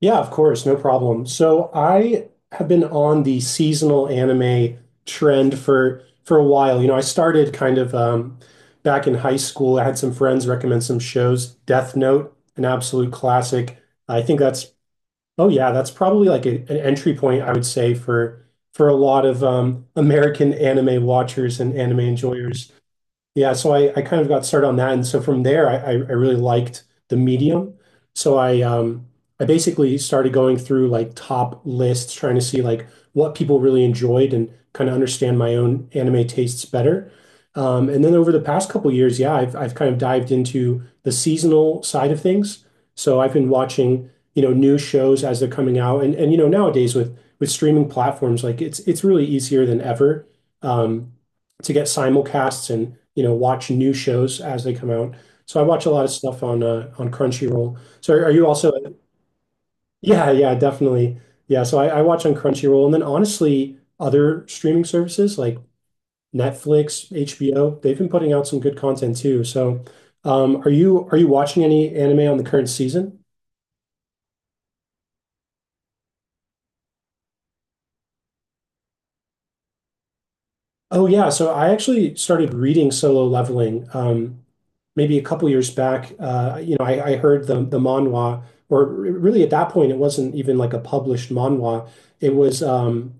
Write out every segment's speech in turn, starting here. Yeah, of course, no problem. So I have been on the seasonal anime trend for a while. You know, I started kind of back in high school. I had some friends recommend some shows. Death Note, an absolute classic. I think that's Oh yeah, that's probably like an entry point I would say for a lot of American anime watchers and anime enjoyers. Yeah, so I kind of got started on that, and so from there, I really liked the medium. So I basically started going through like top lists, trying to see like what people really enjoyed and kind of understand my own anime tastes better. And then over the past couple years, yeah, I've kind of dived into the seasonal side of things. So I've been watching, new shows as they're coming out, and nowadays with streaming platforms, like it's really easier than ever um, to get simulcasts and watch new shows as they come out. So I watch a lot of stuff on Crunchyroll. So are you also? Yeah, yeah, definitely. Yeah, so I watch on Crunchyroll, and then honestly, other streaming services like Netflix, HBO, they've been putting out some good content too. So, are you watching any anime on the current season? Oh yeah, so I actually started reading Solo Leveling maybe a couple years back. You know, I heard the manhwa, or really at that point, it wasn't even like a published manhwa. It was um,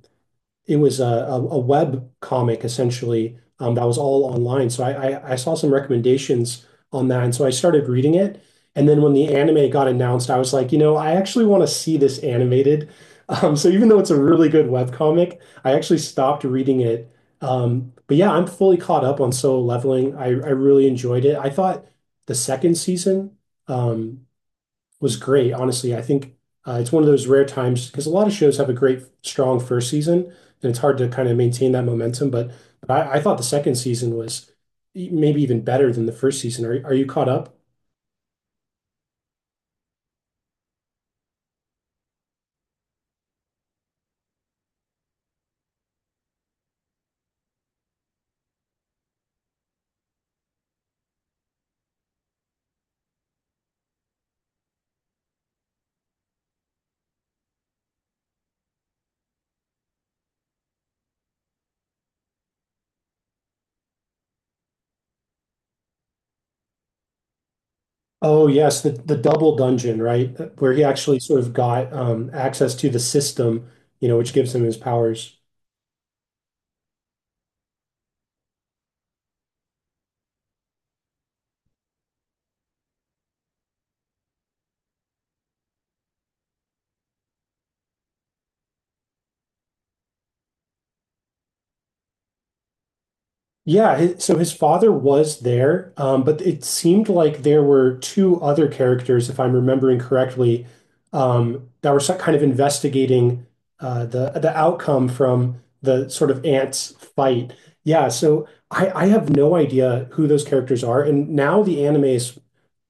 it was a web comic essentially that was all online. So I saw some recommendations on that, and so I started reading it. And then when the anime got announced, I was like, I actually want to see this animated. So even though it's a really good web comic, I actually stopped reading it. But yeah, I'm fully caught up on Solo Leveling. I really enjoyed it. I thought the second season. Um, was great, honestly. I think it's one of those rare times because a lot of shows have a great, strong first season, and it's hard to kind of maintain that momentum. But I thought the second season was maybe even better than the first season. Are you caught up? Oh yes, the double dungeon, right? Where he actually sort of got access to the system, you know, which gives him his powers. Yeah, so his father was there, but it seemed like there were two other characters, if I'm remembering correctly, that were kind of investigating the outcome from the sort of ants fight. Yeah, so I have no idea who those characters are, and now the anime is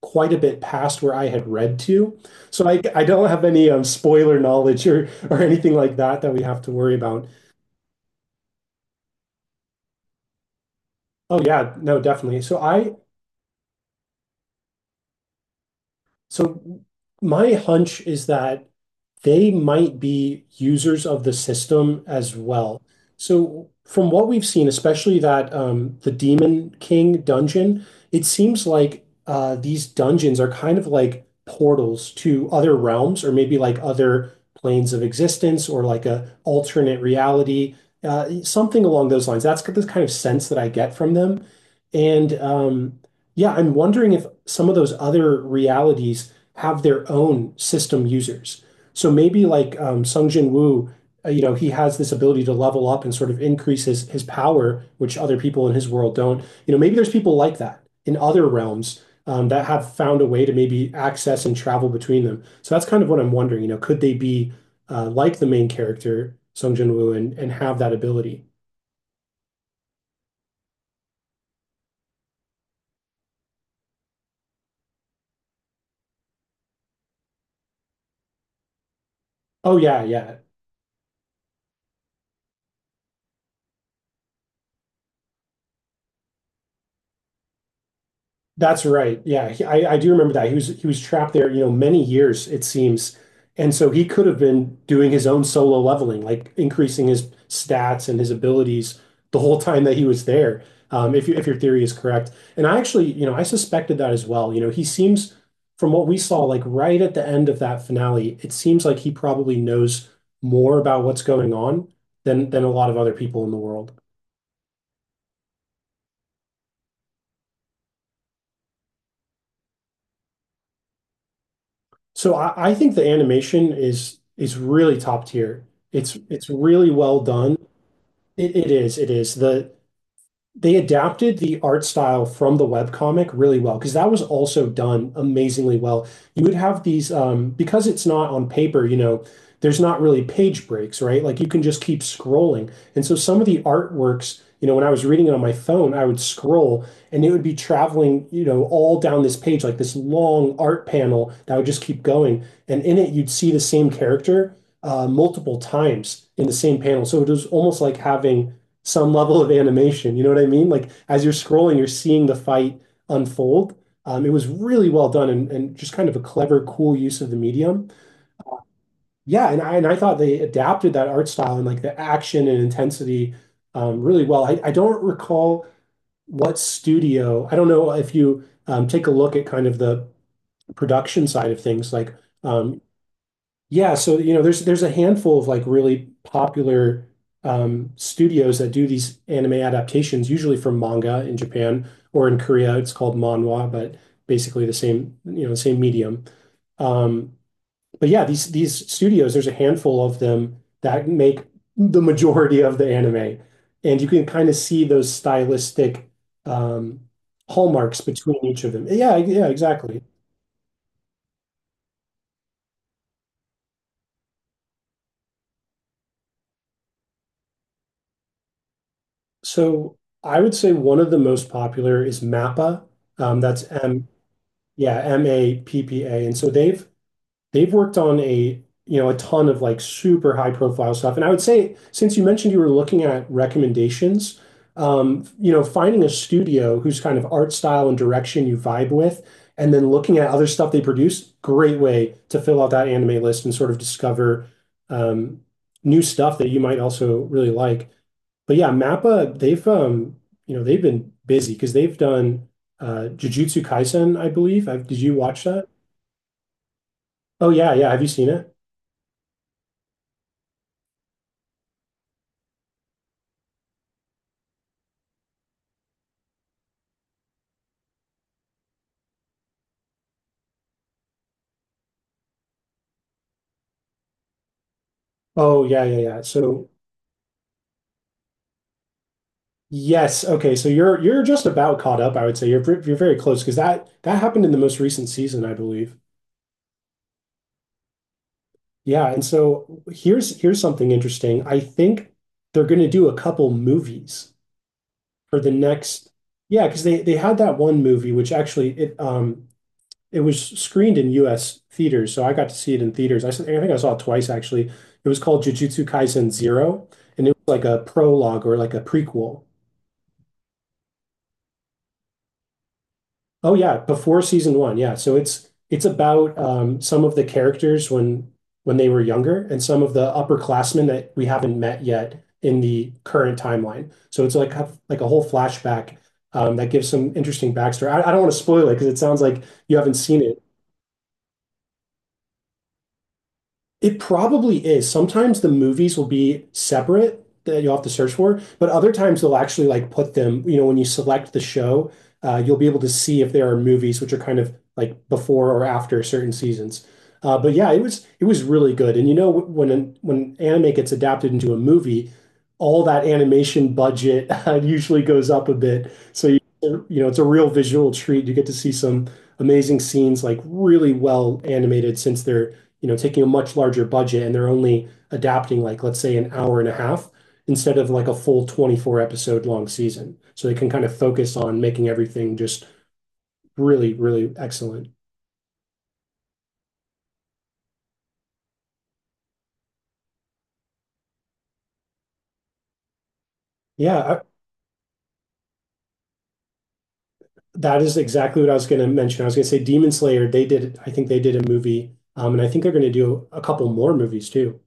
quite a bit past where I had read to, so I don't have any spoiler knowledge or anything like that that we have to worry about. Oh yeah, no, definitely. So my hunch is that they might be users of the system as well. So from what we've seen, especially that the Demon King dungeon, it seems like these dungeons are kind of like portals to other realms or maybe like other planes of existence or like a alternate reality, something along those lines. That's the kind of sense that I get from them, and, yeah, I'm wondering if some of those other realities have their own system users. So maybe like Sung Jin Woo, you know, he has this ability to level up and sort of increase his power, which other people in his world don't. You know, maybe there's people like that in other realms that have found a way to maybe access and travel between them. So that's kind of what I'm wondering. You know, could they be like the main character Sung Jin Woo and have that ability? Oh yeah, yeah. That's right. Yeah, I do remember that. He was trapped there, you know, many years it seems. And so he could have been doing his own solo leveling, like increasing his stats and his abilities the whole time that he was there. If you, if your theory is correct. And I actually, I suspected that as well. You know, he seems from what we saw, like right at the end of that finale, it seems like he probably knows more about what's going on than a lot of other people in the world. So I think the animation is really top tier. It's really well done. It is, it is. They adapted the art style from the webcomic really well because that was also done amazingly well. You would have these because it's not on paper, there's not really page breaks, right? Like you can just keep scrolling. And so some of the artworks, when I was reading it on my phone, I would scroll and it would be traveling, all down this page, like this long art panel that would just keep going. And in it, you'd see the same character multiple times in the same panel. So it was almost like having some level of animation. You know what I mean? Like as you're scrolling, you're seeing the fight unfold. It was really well done and just kind of a clever, cool use of the medium. Yeah, and I thought they adapted that art style and like the action and intensity really well. I don't recall what studio. I don't know if you take a look at kind of the production side of things, like um, yeah, so there's a handful of like really popular studios that do these anime adaptations, usually from manga in Japan or in Korea. It's called manhwa, but basically the same, the same medium. Um, but yeah, these studios, there's a handful of them that make the majority of the anime, and you can kind of see those stylistic um, hallmarks between each of them. Yeah, yeah, exactly. So I would say one of the most popular is MAPPA. That's yeah, MAPPA. And so they've worked on a you know a ton of like super high profile stuff. And I would say since you mentioned you were looking at recommendations, finding a studio whose kind of art style and direction you vibe with, and then looking at other stuff they produce, great way to fill out that anime list and sort of discover um, new stuff that you might also really like. But yeah, MAPPA, they've been busy because they've done Jujutsu Kaisen, I believe. I Did you watch that? Oh yeah, yeah. Have you seen it? Oh yeah, yeah, yeah. So yes, okay. So you're just about caught up, I would say. You're very close because that happened in the most recent season, I believe. Yeah, and so here's something interesting. I think they're going to do a couple movies for the next. Yeah, because they had that one movie which actually it was screened in U.S. theaters, so I got to see it in theaters. I think I saw it twice actually. It was called Jujutsu Kaisen Zero, and it was like a prologue or like a prequel. Oh yeah, before season one, yeah. So it's about some of the characters when they were younger and some of the upperclassmen that we haven't met yet in the current timeline. So it's like a whole flashback that gives some interesting backstory. I don't want to spoil it because it sounds like you haven't seen it. It probably is. Sometimes the movies will be separate that you'll have to search for, but other times they'll actually like put them, when you select the show, you'll be able to see if there are movies which are kind of like before or after certain seasons. But yeah, it was really good. And when anime gets adapted into a movie, all that animation budget usually goes up a bit. So it's a real visual treat. You get to see some amazing scenes, like really well animated since they're taking a much larger budget and they're only adapting like, let's say, an hour and a half instead of like a full 24 episode long season. So they can kind of focus on making everything just really, really excellent. Yeah, that is exactly what I was going to mention. I was going to say Demon Slayer, they did, I think they did a movie, and I think they're going to do a couple more movies too.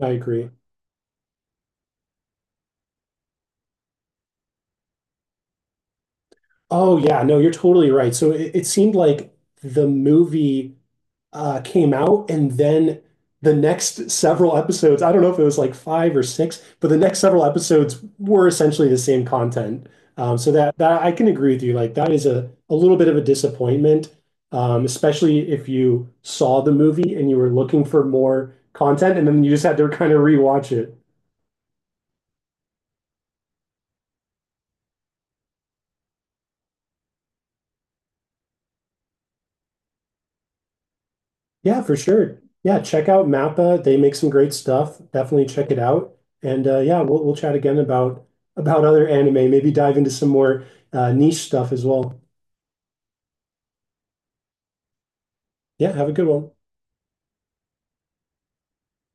I agree. Oh yeah, no, you're totally right. So it seemed like the movie came out, and then the next several episodes, I don't know if it was like five or six, but the next several episodes were essentially the same content. So that that I can agree with you. Like that is a little bit of a disappointment, especially if you saw the movie and you were looking for more content, and then you just had to kind of rewatch it. Yeah, for sure. Yeah, check out Mappa. They make some great stuff. Definitely check it out. And yeah, we'll chat again about other anime. Maybe dive into some more niche stuff as well. Yeah, have a good one.